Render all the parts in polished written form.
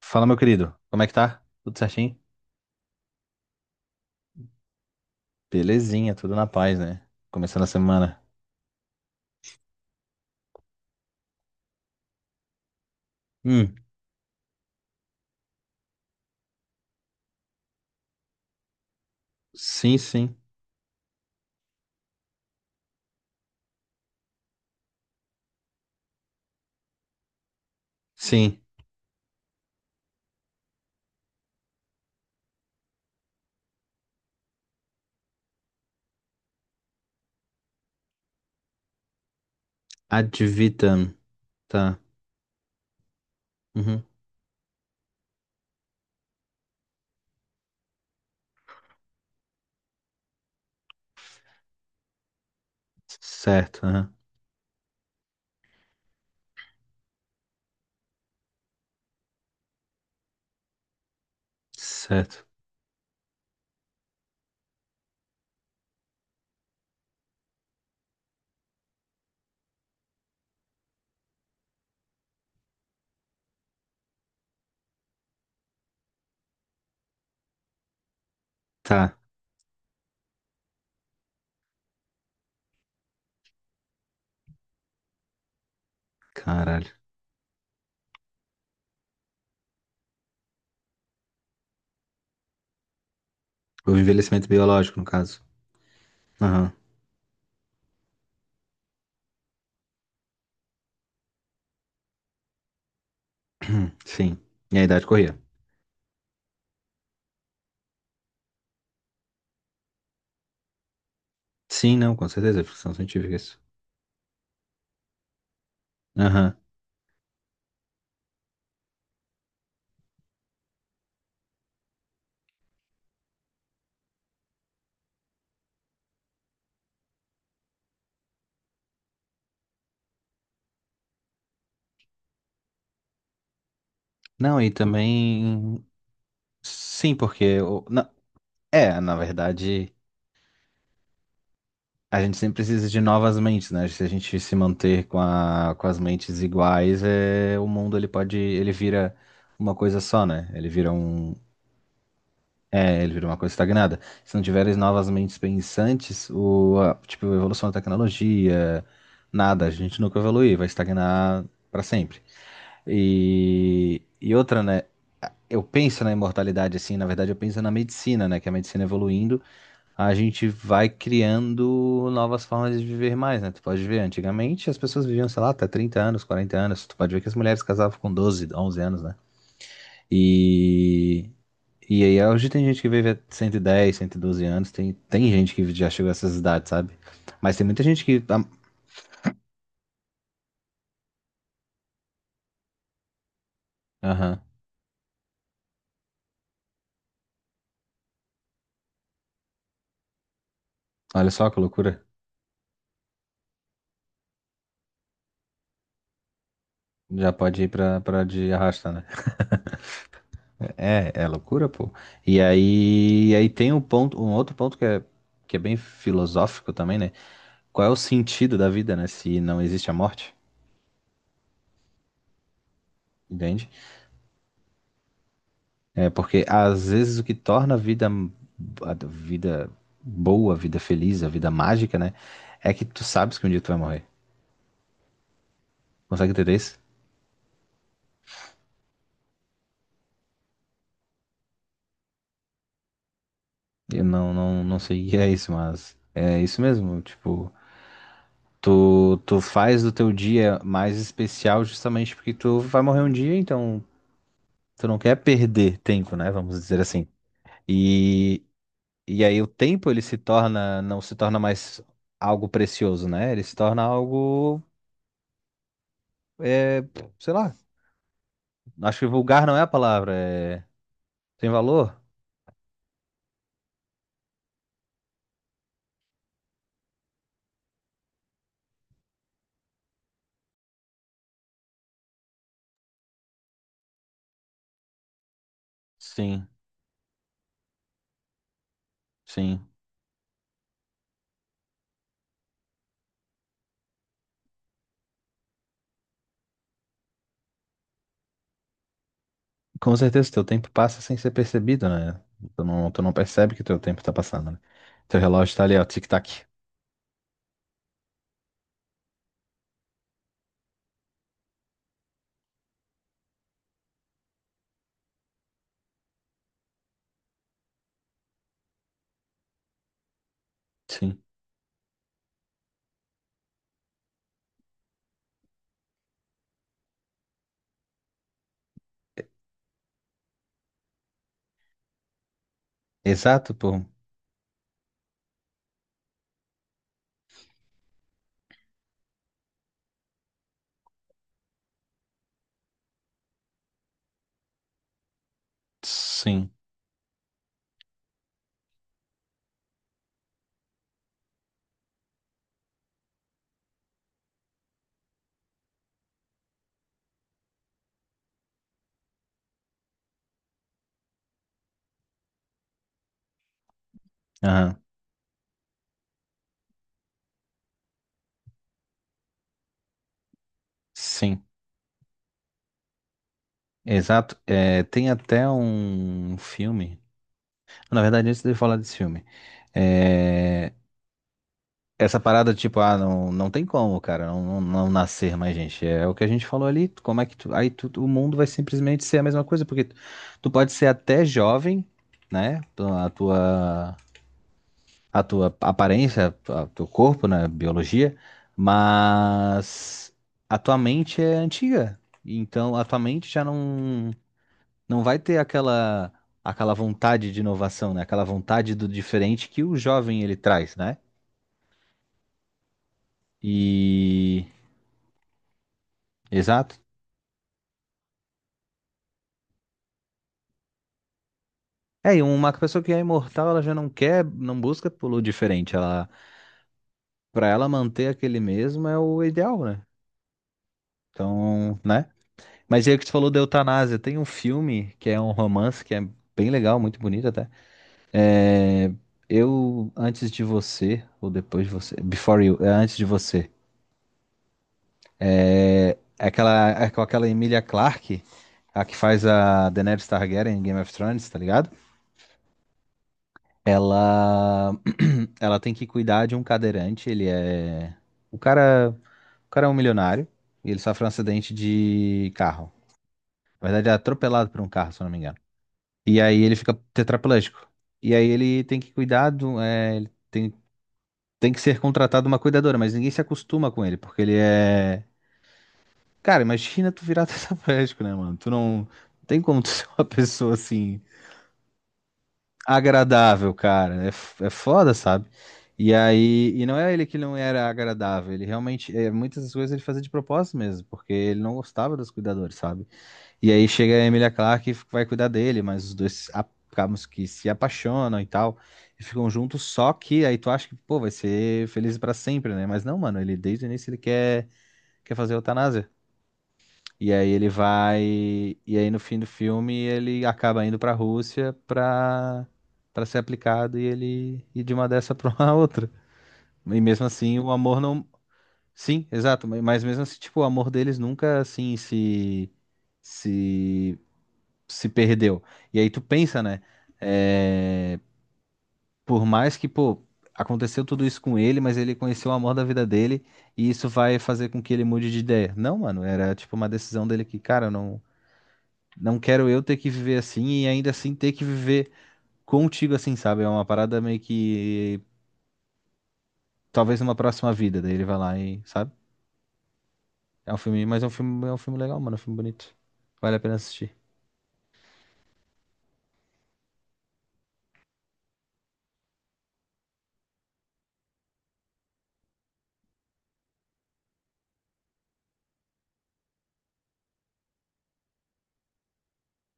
Fala, meu querido. Como é que tá? Tudo certinho? Belezinha, tudo na paz, né? Começando a semana. Hum, sim, sim. Sim. Ad vitam. Tá. Uhum. Certo, aham. Certo. Tá. Caralho. O envelhecimento biológico, no caso. Aham. Sim. E a idade corria. Sim, não, com certeza. É ficção científica isso. Aham. Não, e também. Sim, porque, é, na verdade. A gente sempre precisa de novas mentes, né? Se a gente se manter com a, com as mentes iguais, é, o mundo ele pode, ele vira uma coisa só, né? Ele vira um, é, ele vira uma coisa estagnada. Se não tiveres novas mentes pensantes, tipo, a evolução da tecnologia, nada, a gente nunca evolui, vai estagnar para sempre. E outra, né? Eu penso na imortalidade assim, na verdade eu penso na medicina, né? Que é a medicina evoluindo a gente vai criando novas formas de viver mais, né? Tu pode ver, antigamente as pessoas viviam, sei lá, até 30 anos, 40 anos. Tu pode ver que as mulheres casavam com 12, 11 anos, né? E, e aí hoje tem gente que vive a 110, 112 anos, tem gente que já chegou a essas idades, sabe? Mas tem muita gente que, ah, aham, olha só que loucura. Já pode ir pra de arrasta, né? É loucura, pô. E aí tem um ponto, um outro ponto que é bem filosófico também, né? Qual é o sentido da vida, né? Se não existe a morte, entende? É porque às vezes o que torna a vida boa, a vida feliz, a vida mágica, né? É que tu sabes que um dia tu vai morrer. Consegue entender isso? Eu não sei o que é isso, mas é isso mesmo. Tipo, tu faz do teu dia mais especial justamente porque tu vai morrer um dia, então tu não quer perder tempo, né? Vamos dizer assim. E E aí o tempo ele se torna, não se torna mais algo precioso, né? Ele se torna algo, é, sei lá, acho que vulgar não é a palavra, é, tem valor? Sim, sim. Com certeza teu tempo passa sem ser percebido, né? Tu não percebe que teu tempo tá passando, né? Teu relógio tá ali, ó, tic-tac. Sim. Exato, pô. Sim. Aham. Sim. Exato. É, tem até um filme. Na verdade, antes de eu falar desse filme, é, essa parada, tipo, ah, não, não tem como, cara, não nascer mais gente. É o que a gente falou ali, como é que tu, aí tu, o mundo vai simplesmente ser a mesma coisa, porque tu, tu pode ser até jovem, né? A tua, aparência, o teu corpo, né? Biologia, mas a tua mente é antiga. Então a tua mente já não vai ter aquela vontade de inovação, né? Aquela vontade do diferente que o jovem ele traz, né? E. Exato. É, e uma pessoa que é imortal, ela já não quer, não busca pelo diferente. Ela, para ela manter aquele mesmo é o ideal, né? Então, né? Mas e aí que tu falou da eutanásia, tem um filme que é um romance que é bem legal, muito bonito até. É, eu antes de você ou depois de você, Before You, é antes de você. É, aquela é com aquela Emilia Clarke, a que faz a Daenerys Targaryen em Game of Thrones, tá ligado? Ela ela tem que cuidar de um cadeirante, ele é o cara, o cara é um milionário e ele sofre um acidente de carro. Na verdade, é atropelado por um carro, se eu não me engano. E aí ele fica tetraplégico. E aí ele tem que cuidar do, é, ele tem, que ser contratado uma cuidadora, mas ninguém se acostuma com ele, porque ele é. Cara, imagina tu virar tetraplégico, né, mano? Tu não tem como tu ser uma pessoa assim agradável, cara. É, é foda, sabe? E aí, e não é ele que não era agradável, ele realmente, é, muitas das coisas ele fazia de propósito mesmo, porque ele não gostava dos cuidadores, sabe? E aí chega a Emilia Clarke e vai cuidar dele, mas os dois acabam que se apaixonam e tal, e ficam juntos, só que aí tu acha que, pô, vai ser feliz pra sempre, né? Mas não, mano, ele desde o início ele quer, fazer eutanásia. E aí ele vai. E aí no fim do filme ele acaba indo pra Rússia pra ser aplicado e ele ir de uma dessa pra uma outra. E mesmo assim o amor não. Sim, exato. Mas mesmo assim, tipo, o amor deles nunca assim se. Se perdeu. E aí tu pensa, né? É, por mais que, pô, aconteceu tudo isso com ele, mas ele conheceu o amor da vida dele e isso vai fazer com que ele mude de ideia. Não, mano, era tipo uma decisão dele que, cara, eu não. Não quero eu ter que viver assim e ainda assim ter que viver contigo assim, sabe? É uma parada meio que. Talvez numa próxima vida. Daí ele vai lá e, sabe? É um filme, mas é um filme legal, mano. É um filme bonito. Vale a pena assistir.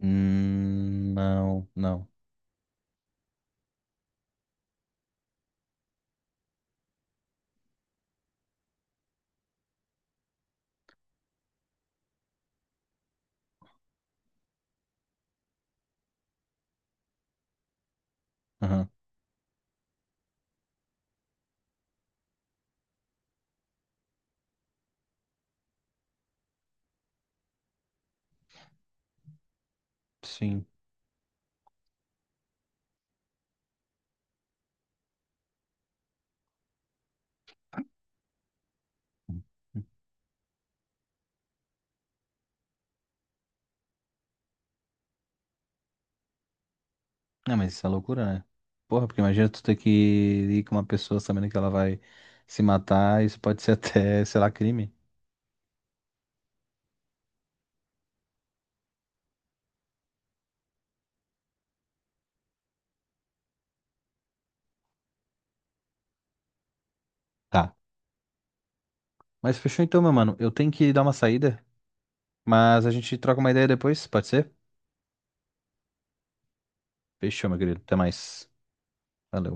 Não, não. Aham, sim. Não, mas isso é loucura, né? Porra, porque imagina tu ter que ir com uma pessoa sabendo que ela vai se matar, isso pode ser até, sei lá, crime. Tá. Mas fechou então, meu mano. Eu tenho que dar uma saída, mas a gente troca uma ideia depois, pode ser? Fechou, meu querido. Até mais. Valeu.